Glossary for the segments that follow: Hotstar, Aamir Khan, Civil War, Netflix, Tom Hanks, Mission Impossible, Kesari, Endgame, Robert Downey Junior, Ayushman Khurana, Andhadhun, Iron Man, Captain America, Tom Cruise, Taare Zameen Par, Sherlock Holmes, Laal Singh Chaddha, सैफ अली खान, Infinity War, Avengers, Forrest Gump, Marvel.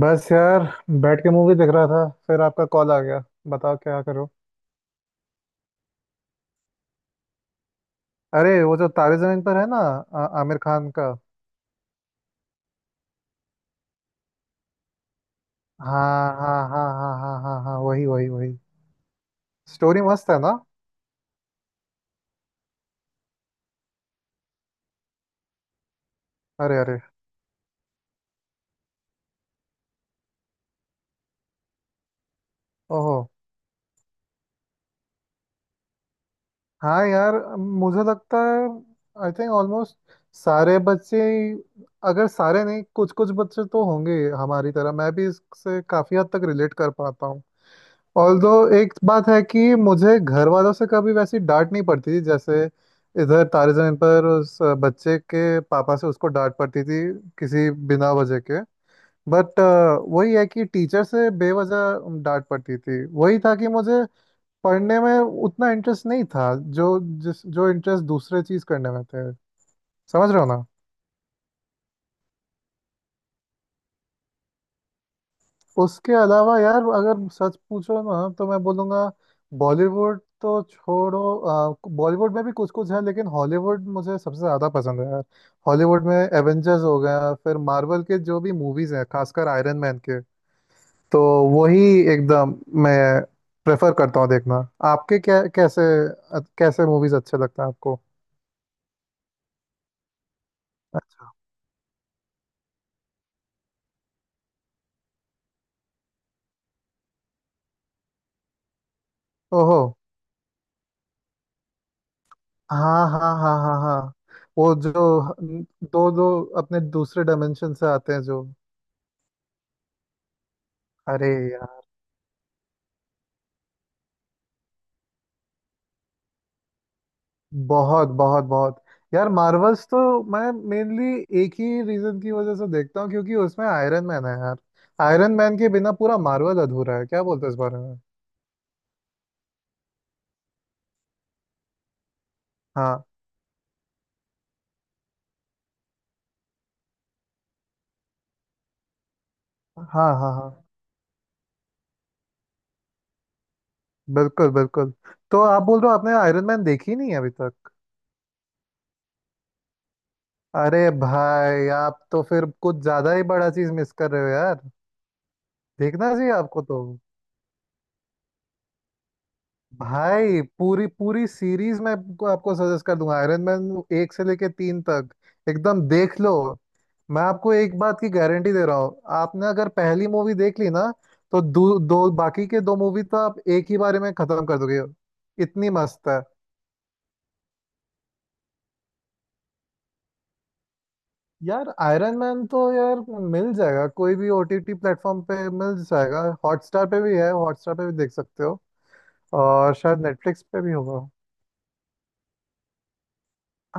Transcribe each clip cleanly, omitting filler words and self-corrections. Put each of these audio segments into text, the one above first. बस यार बैठ के मूवी देख रहा था फिर आपका कॉल आ गया। बताओ क्या करो। अरे वो जो तारे जमीन पर है ना आमिर खान का। हाँ हाँ हाँ हाँ हाँ हाँ हाँ, वही वही वही। स्टोरी मस्त है ना। अरे अरे। ओहो। हाँ यार, मुझे लगता है आई थिंक ऑलमोस्ट सारे बच्चे, अगर सारे नहीं कुछ कुछ बच्चे तो होंगे हमारी तरह। मैं भी इससे काफी हद तक रिलेट कर पाता हूँ। ऑल्दो एक बात है कि मुझे घर वालों से कभी वैसी डांट नहीं पड़ती थी जैसे इधर तारे जमीन पर उस बच्चे के पापा से उसको डांट पड़ती थी किसी बिना वजह के। बट वही है कि टीचर से बेवजह डांट पड़ती थी, वही था कि मुझे पढ़ने में उतना इंटरेस्ट नहीं था। जो इंटरेस्ट दूसरे चीज करने में थे, समझ रहे हो। उसके अलावा यार, अगर सच पूछो ना तो मैं बोलूँगा बॉलीवुड तो छोड़ो, बॉलीवुड में भी कुछ कुछ है, लेकिन हॉलीवुड मुझे सबसे ज़्यादा पसंद है यार। हॉलीवुड में एवेंजर्स हो गया, फिर मार्वल के जो भी मूवीज़ हैं, खासकर आयरन मैन के। तो वही एकदम मैं प्रेफर करता हूँ देखना। आपके क्या, कैसे कैसे मूवीज़ अच्छे लगते हैं आपको। अच्छा। ओहो। हाँ हाँ हाँ हाँ हाँ। वो जो दो दो अपने दूसरे डायमेंशन से आते हैं जो। अरे, बहुत बहुत बहुत। यार मार्वल्स तो मैं मेनली एक ही रीजन की वजह से देखता हूँ, क्योंकि उसमें आयरन मैन है यार। आयरन मैन के बिना पूरा मार्वल अधूरा है। क्या बोलते हो इस बारे में। हाँ हाँ हाँ हाँ, बिल्कुल बिल्कुल। तो आप बोल रहे हो आपने आयरन मैन देखी नहीं है अभी तक। अरे भाई, आप तो फिर कुछ ज्यादा ही बड़ा चीज मिस कर रहे हो यार। देखना चाहिए आपको तो भाई। पूरी पूरी सीरीज मैं आपको सजेस्ट कर दूंगा, आयरन मैन एक से लेके तीन तक एकदम देख लो। मैं आपको एक बात की गारंटी दे रहा हूँ, आपने अगर पहली मूवी देख ली ना तो दो बाकी के दो मूवी तो आप एक ही बारे में खत्म कर दोगे, इतनी मस्त है। यार आयरन मैन तो यार मिल जाएगा, कोई भी ओटीटी प्लेटफॉर्म पे मिल जाएगा, हॉटस्टार पे भी है, हॉटस्टार पे भी देख सकते हो। और शायद नेटफ्लिक्स पे भी होगा।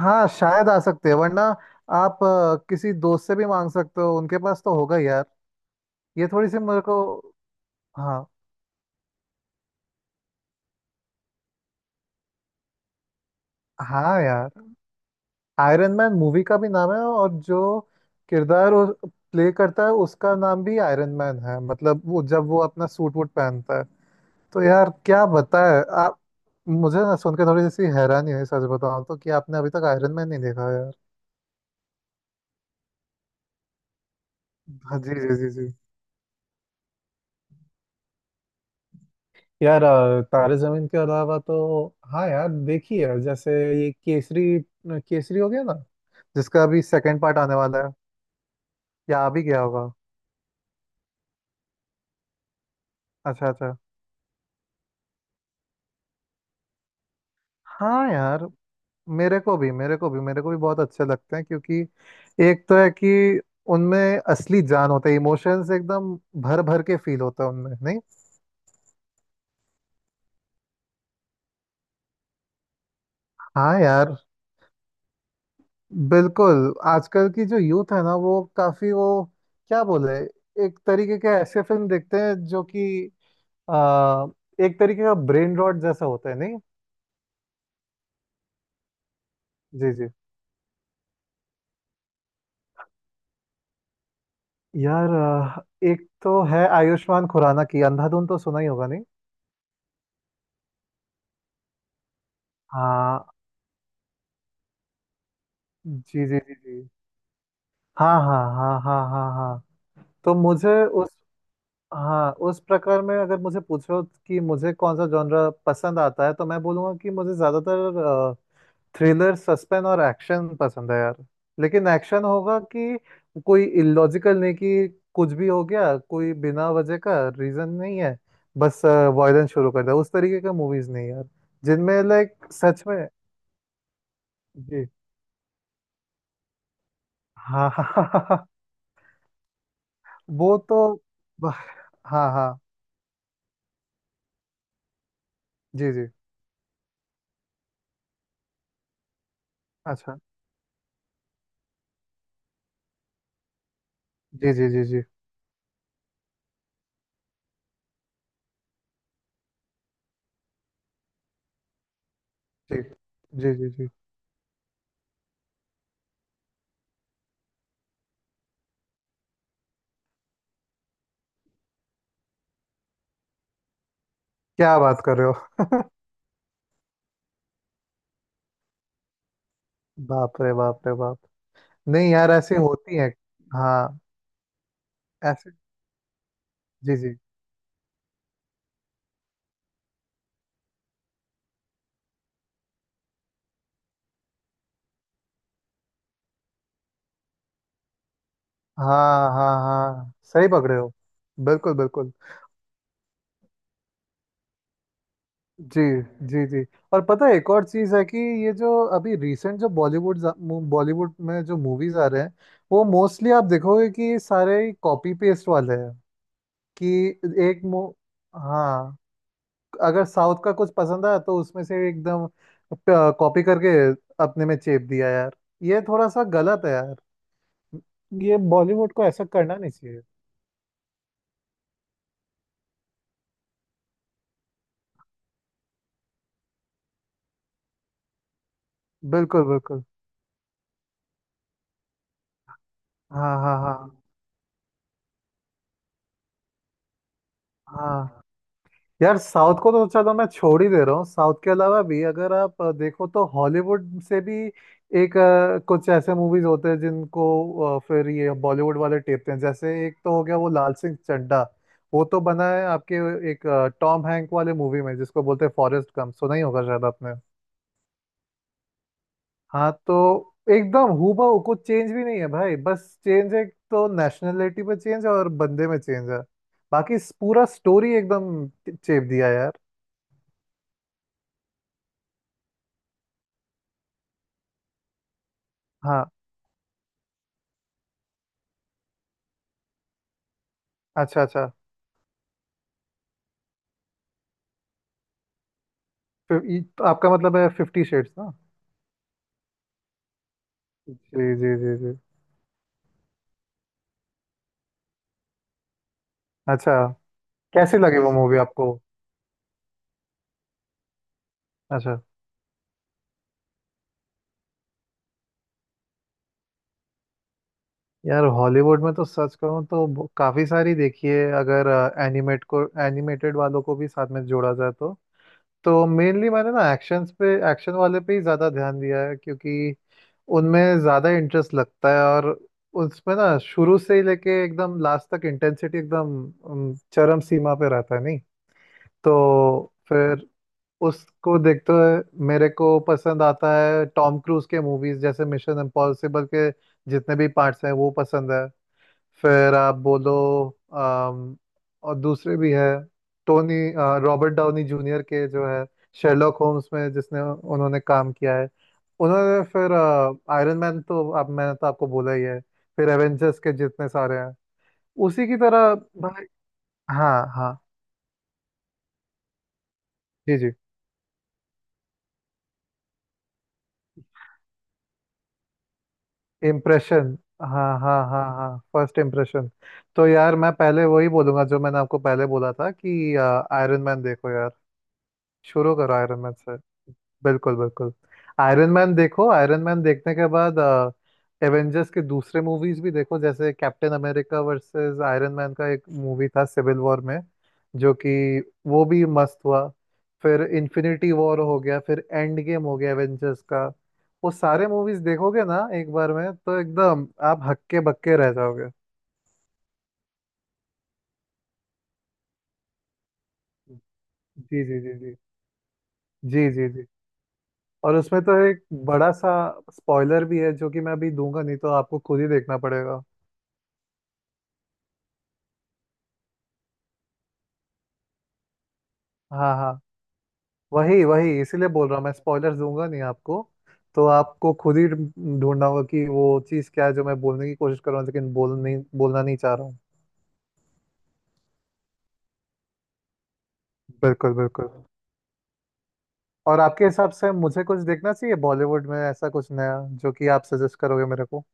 हाँ शायद आ सकते हैं, वरना आप किसी दोस्त से भी मांग सकते हो, उनके पास तो होगा यार। ये थोड़ी सी मेरे को। हाँ हाँ। यार आयरन मैन मूवी का भी नाम है, और जो किरदार वो प्ले करता है उसका नाम भी आयरन मैन है, मतलब वो जब वो अपना सूट वूट पहनता है। तो यार क्या बताए आप, मुझे ना सुनकर थोड़ी सी हैरानी हुई सच बताऊं तो, कि आपने अभी तक आयरन मैन नहीं देखा यार। हाँ जी जी जी जी। यार, तारे जमीन के अलावा तो हाँ यार देखी है, जैसे ये केसरी। केसरी हो गया ना, जिसका अभी सेकंड पार्ट आने वाला है, या आ भी गया होगा। अच्छा अच्छा। हाँ यार, मेरे को भी मेरे को भी मेरे को भी बहुत अच्छे लगते हैं, क्योंकि एक तो है कि उनमें असली जान होता है, इमोशंस एकदम भर भर के फील होता है उनमें, नहीं। हाँ यार। बिल्कुल, आजकल की जो यूथ है ना, वो काफी वो क्या बोले, एक तरीके के ऐसे फिल्म देखते हैं जो कि आ, एक तरीके का ब्रेन रॉट जैसा होता है, नहीं। जी जी। यार, एक तो है आयुष्मान खुराना की अंधाधुन, तो सुना ही होगा नहीं। हाँ जी जी जी जी। हाँ हाँ हाँ हाँ हाँ हाँ। तो मुझे उस, हाँ उस प्रकार में अगर मुझे पूछो कि मुझे कौन सा जॉनरा पसंद आता है, तो मैं बोलूँगा कि मुझे ज़्यादातर थ्रिलर सस्पेंस और एक्शन पसंद है यार। लेकिन एक्शन होगा कि कोई इलॉजिकल नहीं, कि कुछ भी हो गया, कोई बिना वजह का रीज़न नहीं है, बस वायलेंस शुरू कर दिया, उस तरीके का मूवीज़ नहीं यार। जिनमें लाइक सच में। जी। हाँ हाँ हाँ हाँ हाँ। वो तो हाँ हाँ। जी जी। अच्छा। जी जी जी जी जी जी जी जी। क्या बात कर रहे हो। बाप रे बाप रे बाप। नहीं यार ऐसी होती है। हाँ ऐसे। जी जी। हाँ हाँ हाँ, सही पकड़े हो। बिल्कुल बिल्कुल। जी जी जी। और पता है एक और चीज़ है कि ये जो अभी रिसेंट जो बॉलीवुड बॉलीवुड में जो मूवीज आ रहे हैं, वो मोस्टली आप देखोगे कि सारे कॉपी पेस्ट वाले हैं। कि एक मो हाँ, अगर साउथ का कुछ पसंद आया तो उसमें से एकदम कॉपी करके अपने में चेप दिया यार। ये थोड़ा सा गलत है यार, ये बॉलीवुड को ऐसा करना नहीं चाहिए। बिल्कुल बिल्कुल। हाँ हाँ हाँ हाँ। यार साउथ को तो चलो मैं छोड़ ही दे रहा हूँ, साउथ के अलावा भी अगर आप देखो तो हॉलीवुड से भी एक कुछ ऐसे मूवीज होते हैं जिनको फिर ये बॉलीवुड वाले टेपते हैं, जैसे एक तो हो गया वो लाल सिंह चड्ढा। वो तो बना है आपके एक टॉम हैंक वाले मूवी में, जिसको बोलते हैं फॉरेस्ट गम, सुना ही होगा शायद आपने। हाँ तो एकदम हूबहू, कुछ चेंज भी नहीं है भाई, बस चेंज है तो नेशनलिटी पे चेंज है और बंदे में चेंज है, बाकी पूरा स्टोरी एकदम चेप दिया है यार। हाँ। अच्छा अच्छा। फिर आपका मतलब है फिफ्टी शेड्स ना। जी जी जी जी। अच्छा, कैसी लगी वो मूवी आपको। अच्छा। यार हॉलीवुड में तो सच कहूँ तो काफी सारी देखी है। अगर एनिमेटेड वालों को भी साथ में जोड़ा जाए तो मेनली मैंने ना एक्शन वाले पे ही ज्यादा ध्यान दिया है, क्योंकि उनमें ज्यादा इंटरेस्ट लगता है। और उसमें ना शुरू से ही लेके एकदम लास्ट तक इंटेंसिटी एकदम चरम सीमा पे रहता है, नहीं। तो फिर उसको देखते हुए मेरे को पसंद आता है टॉम क्रूज के मूवीज, जैसे मिशन इम्पॉसिबल के जितने भी पार्ट्स हैं वो पसंद है। फिर आप बोलो अम, और दूसरे भी है, रॉबर्ट डाउनी जूनियर के जो है शेरलॉक होम्स में जिसने उन्होंने काम किया है। उन्होंने फिर आयरन मैन तो आप मैंने तो आपको बोला ही है, फिर एवेंजर्स के जितने सारे हैं उसी की तरह भाई। हाँ हाँ। जी जी। इम्प्रेशन हाँ हाँ हाँ हाँ, फर्स्ट इम्प्रेशन। तो यार मैं पहले वही बोलूंगा जो मैंने आपको पहले बोला था कि आयरन मैन देखो यार, शुरू करो आयरन मैन से। बिल्कुल बिल्कुल। आयरन मैन देखो, आयरन मैन देखने के बाद एवेंजर्स के दूसरे मूवीज भी देखो, जैसे Captain America versus Iron Man का एक मूवी था सिविल वॉर में, जो कि वो भी मस्त हुआ। फिर इन्फिनिटी वॉर हो गया, फिर एंड गेम हो गया एवेंजर्स का। वो सारे मूवीज देखोगे ना एक बार में तो एकदम आप हक्के बक्के रह जाओगे। जी जी जी जी जी जी जी। और उसमें तो एक बड़ा सा स्पॉइलर भी है, जो कि मैं अभी दूंगा नहीं, तो आपको खुद ही देखना पड़ेगा। हाँ हाँ, वही वही, इसीलिए बोल रहा हूँ मैं स्पॉइलर्स दूंगा नहीं आपको, तो आपको खुद ही ढूंढना होगा कि वो चीज़ क्या है जो मैं बोलने की कोशिश कर रहा हूँ लेकिन बोलना नहीं चाह रहा हूँ। बिल्कुल बिल्कुल। और आपके हिसाब से मुझे कुछ देखना चाहिए बॉलीवुड में, ऐसा कुछ नया जो कि आप सजेस्ट करोगे मेरे को।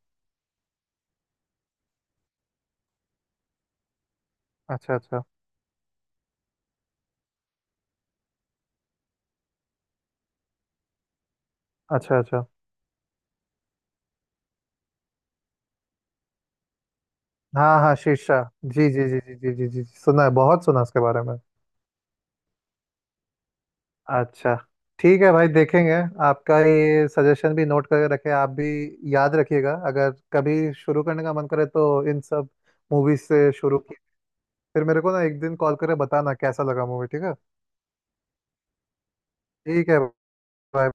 अच्छा अच्छा। अच्छा अच्छा। हाँ हाँ शीर्षा, जी जी जी जी जी जी जी, सुना है, बहुत सुना है उसके बारे में। अच्छा, ठीक है भाई देखेंगे। आपका ये सजेशन भी नोट करके रखे आप भी, याद रखिएगा अगर कभी शुरू करने का मन करे तो इन सब मूवीज से शुरू की। फिर मेरे को ना एक दिन कॉल करके बताना कैसा लगा मूवी, ठीक है। ठीक है भाई।